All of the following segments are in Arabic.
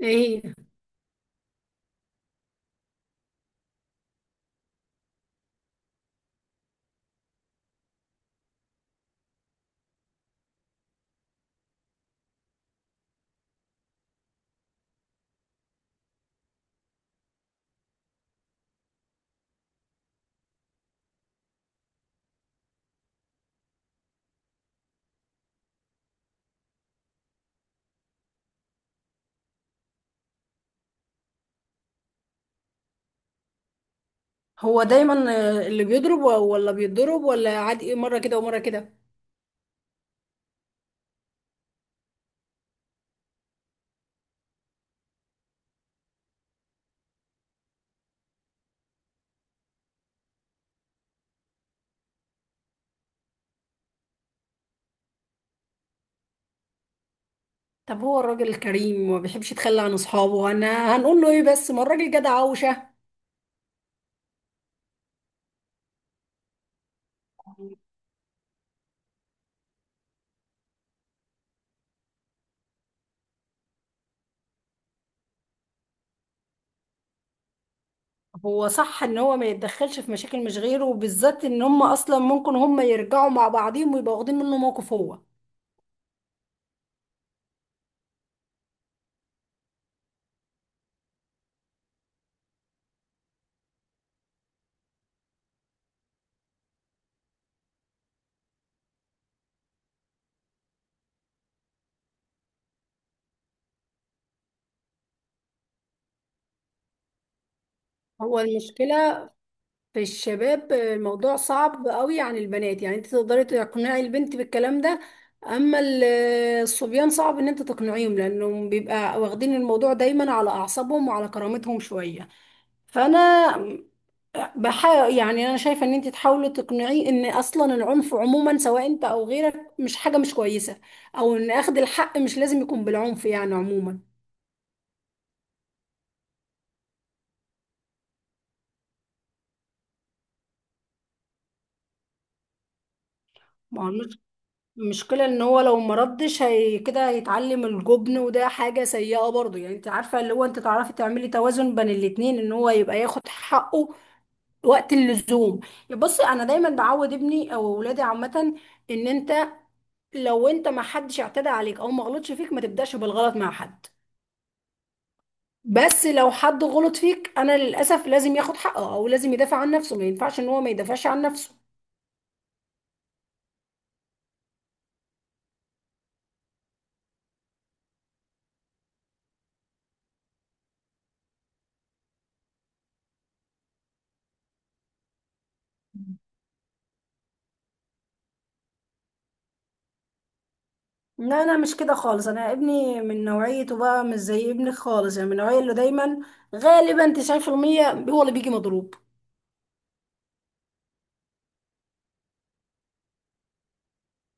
ايه هي؟ هو دايما اللي بيضرب ولا بيتضرب ولا عادي مرة كده ومرة كده. طب هو الراجل الكريم ما بيحبش يتخلى عن اصحابه، انا هنقول له ايه؟ بس ما الراجل جدع عوشة. هو صح ان هو ما يتدخلش في مشاكل مش غيره، وبالذات ان هم اصلا ممكن هم يرجعوا مع بعضهم ويبقوا واخدين منه موقف هو. المشكلة في الشباب الموضوع صعب قوي عن البنات، يعني انت تقدري تقنعي البنت بالكلام ده، اما الصبيان صعب ان انت تقنعيهم لانهم بيبقى واخدين الموضوع دايما على اعصابهم وعلى كرامتهم شوية. فانا بحاول، يعني انا شايفة ان انت تحاولي تقنعيه ان اصلا العنف عموما، سواء انت او غيرك، مش حاجة مش كويسة، او ان اخذ الحق مش لازم يكون بالعنف يعني عموما. ما هو المشكلة ان هو لو مردش هي كده هيتعلم الجبن، وده حاجة سيئة برضه. يعني انت عارفة، اللي هو انت تعرفي تعملي توازن بين الاتنين ان هو يبقى ياخد حقه وقت اللزوم. بصي، انا دايما بعود ابني او ولادي عامة ان انت لو انت ما حدش اعتدى عليك او ما غلطش فيك، ما تبدأش بالغلط مع حد، بس لو حد غلط فيك انا للاسف لازم ياخد حقه، او لازم يدافع عن نفسه. ما ينفعش ان هو ما يدافعش عن نفسه. لا، انا مش كده خالص، انا ابني من نوعيته بقى مش زي ابنك خالص، يعني من النوعيه اللي دايما غالبا 90% هو اللي بيجي مضروب.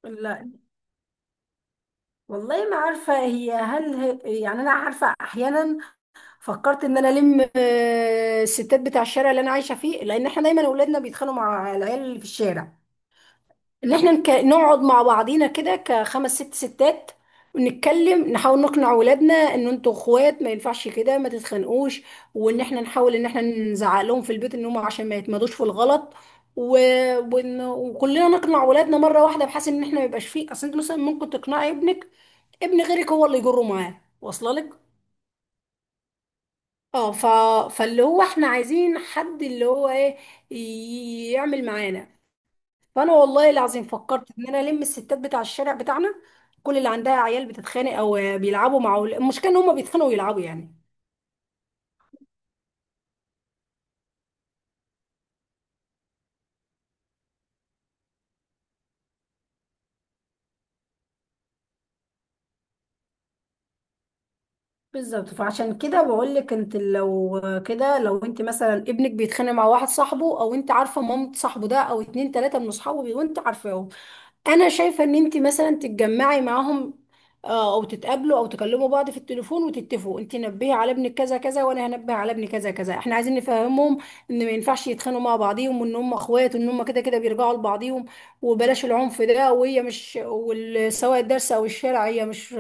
لا، والله ما عارفه، هي هل هي يعني. انا عارفه احيانا فكرت ان انا الم الستات بتاع الشارع اللي انا عايشه فيه، لان احنا دايما اولادنا بيتخانقوا مع العيال اللي في الشارع، ان احنا نقعد مع بعضينا كده كخمس ست ستات ونتكلم، نحاول نقنع اولادنا ان انتوا اخوات، ما ينفعش كده، ما تتخانقوش. وان احنا نحاول ان احنا نزعق لهم في البيت ان هم عشان ما يتمادوش في الغلط، و... وكلنا نقنع اولادنا مره واحده، بحيث ان احنا ما يبقاش فيه اصل. انت مثلا ممكن تقنعي ابنك، ابن غيرك هو اللي يجره معاه واصله لك. اه، فاللي هو احنا عايزين حد اللي هو ايه يعمل معانا. فانا والله العظيم فكرت ان انا الم الستات بتاع الشارع بتاعنا، كل اللي عندها عيال بتتخانق او بيلعبوا مع المشكله ان هم بيتخانقوا ويلعبوا يعني. بالظبط، فعشان كده بقول لك انت لو كده، لو انت مثلا ابنك بيتخانق مع واحد صاحبه، او انت عارفه مامة صاحبه ده، او اتنين تلاته من اصحابه وانت عارفاهم، انا شايفه ان انت مثلا تتجمعي معاهم، او تتقابلوا، او تكلموا بعض في التليفون، وتتفقوا. انت نبهي على ابنك كذا كذا، وانا هنبه على ابني كذا كذا، احنا عايزين نفهمهم ان ما ينفعش يتخانقوا مع بعضيهم، وان هم اخوات، وان هم كده كده بيرجعوا لبعضيهم. وبلاش العنف ده، وهي مش سواء الدرس او الشارع، هي مش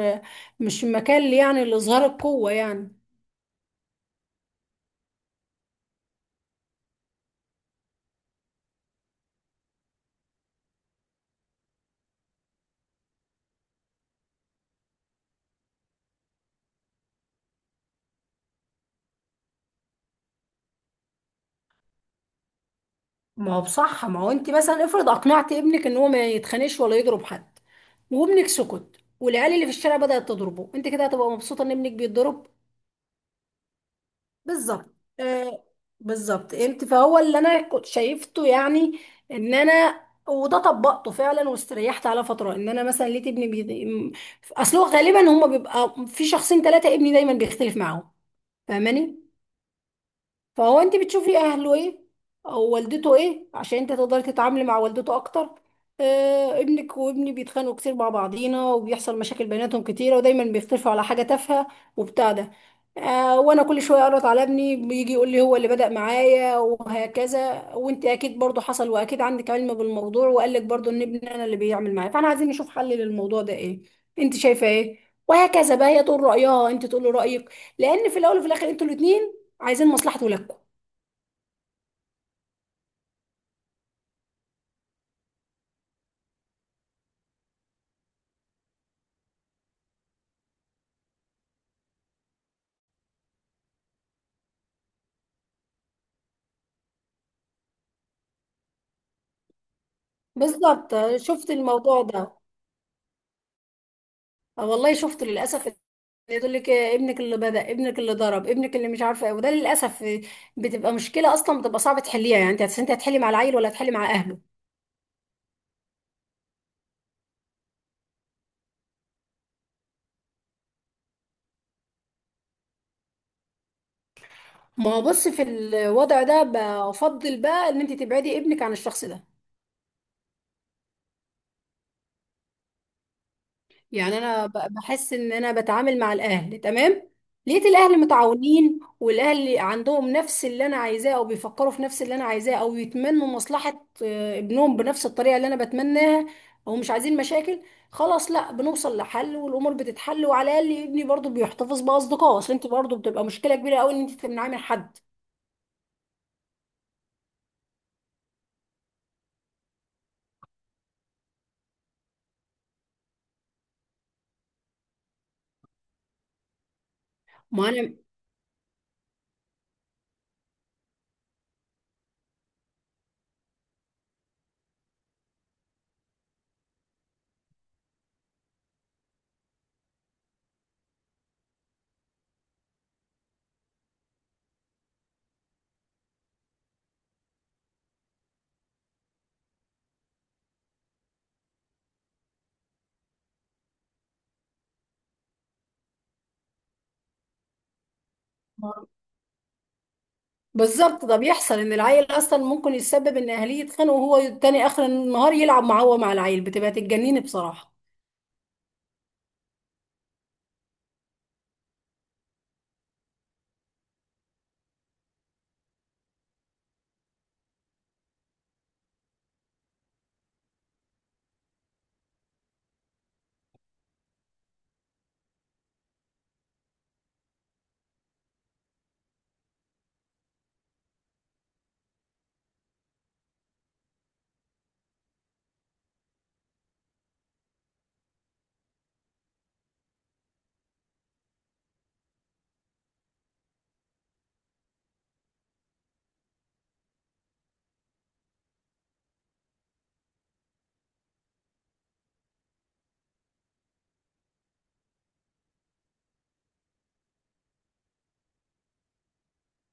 مش مكان يعني لاظهار القوه يعني. ما هو بصح، ما هو انت مثلا افرض اقنعت ابنك ان هو ما يتخانقش ولا يضرب حد، وابنك سكت، والعيال اللي في الشارع بدأت تضربه، انت كده هتبقى مبسوطة ان ابنك بيتضرب؟ بالظبط. آه، بالظبط. انت فهو اللي انا كنت شايفته يعني ان انا، وده طبقته فعلا واستريحت على فترة، ان انا مثلا لقيت ابني اصل هو غالبا هما بيبقى في شخصين ثلاثة ابني دايما بيختلف معاهم، فاهماني؟ فهو انت بتشوفي اهله ايه او والدته ايه، عشان انت تقدري تتعاملي مع والدته اكتر. آه، ابنك وابني بيتخانقوا كتير مع بعضينا، وبيحصل مشاكل بيناتهم كتيره، ودايما بيختلفوا على حاجه تافهه وبتاع ده. آه، وانا كل شويه اقرط على ابني بيجي يقول لي هو اللي بدأ معايا وهكذا، وانت اكيد برضو حصل واكيد عندك علم بالموضوع، وقال لك برضو ان ابني انا اللي بيعمل معايا. فاحنا عايزين نشوف حل للموضوع ده ايه، انت شايفه ايه؟ وهكذا بقى، هي تقول رأيها، انت تقول له رأيك، لان في الاول وفي الاخر انتوا الاتنين عايزين مصلحة ولادكم. بالظبط، شفت الموضوع ده. آه، والله شفت للأسف. اللي يقول لك ابنك اللي بدأ، ابنك اللي ضرب، ابنك اللي مش عارفة ايه، وده للأسف بتبقى مشكلة، أصلا بتبقى صعب تحليها. يعني انت انت هتحلي مع العيل ولا هتحلي مع أهله؟ ما هو بص، في الوضع ده بفضل بقى ان انت تبعدي ابنك عن الشخص ده. يعني انا بحس ان انا بتعامل مع الاهل تمام، لقيت الاهل متعاونين، والاهل عندهم نفس اللي انا عايزاه، او بيفكروا في نفس اللي انا عايزاه، او يتمنوا مصلحة ابنهم بنفس الطريقة اللي انا بتمناها، او مش عايزين مشاكل، خلاص، لا، بنوصل لحل والامور بتتحل، وعلى الاقل ابني برضو بيحتفظ باصدقائه، اصل انت برضو بتبقى مشكلة كبيرة قوي ان انت تمنعيه من حد. ما انا ما- بالظبط، ده بيحصل ان العيل اصلا ممكن يتسبب ان اهليه يتخانقوا، وهو تاني اخر النهار يلعب مع هو مع العيل، بتبقى تتجنني بصراحة.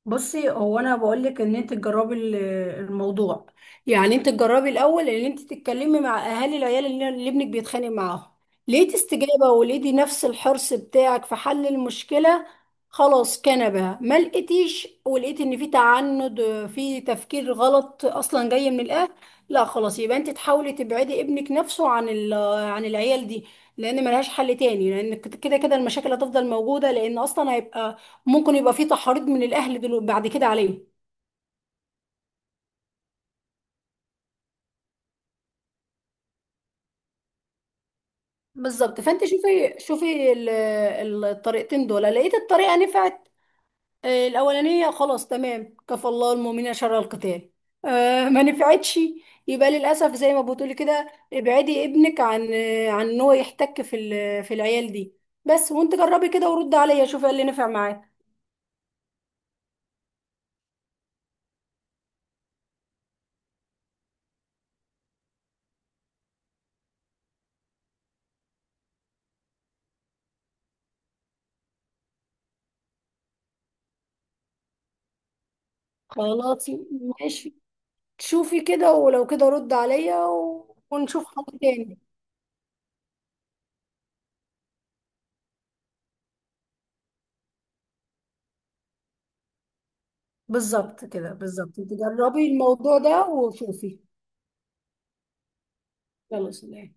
بصي، هو انا بقول لك ان انت تجربي الموضوع. يعني انت تجربي الاول ان انت تتكلمي مع اهالي العيال اللي اللي ابنك بيتخانق معاهم، لقيتي استجابه ولقيتي نفس الحرص بتاعك في حل المشكله، خلاص كنبه. ما لقيتيش، ولقيتي ان في تعنت، في تفكير غلط اصلا جاي من الاهل، لا خلاص، يبقى انت تحاولي تبعدي ابنك نفسه عن عن العيال دي، لان ملهاش حل تاني، لان كده كده المشاكل هتفضل موجوده، لان اصلا هيبقى ممكن يبقى في تحريض من الاهل بعد كده عليه. بالظبط، فانت شوفي شوفي الطريقتين دول، لقيت الطريقه نفعت، الاولانيه، خلاص تمام، كفى الله المؤمنين شر القتال. ما نفعتش، يبقى للاسف زي ما بتقولي كده، ابعدي ابنك عن عن ان هو يحتك في في العيال دي بس. وانت جربي كده ورد عليا، شوفي إيه اللي نفع معاك. خلاص، ماشي، شوفي كده، ولو كده رد عليا ونشوف حاجه تاني. بالظبط كده، بالظبط، انت جربي الموضوع ده وشوفي. يلا، سلام.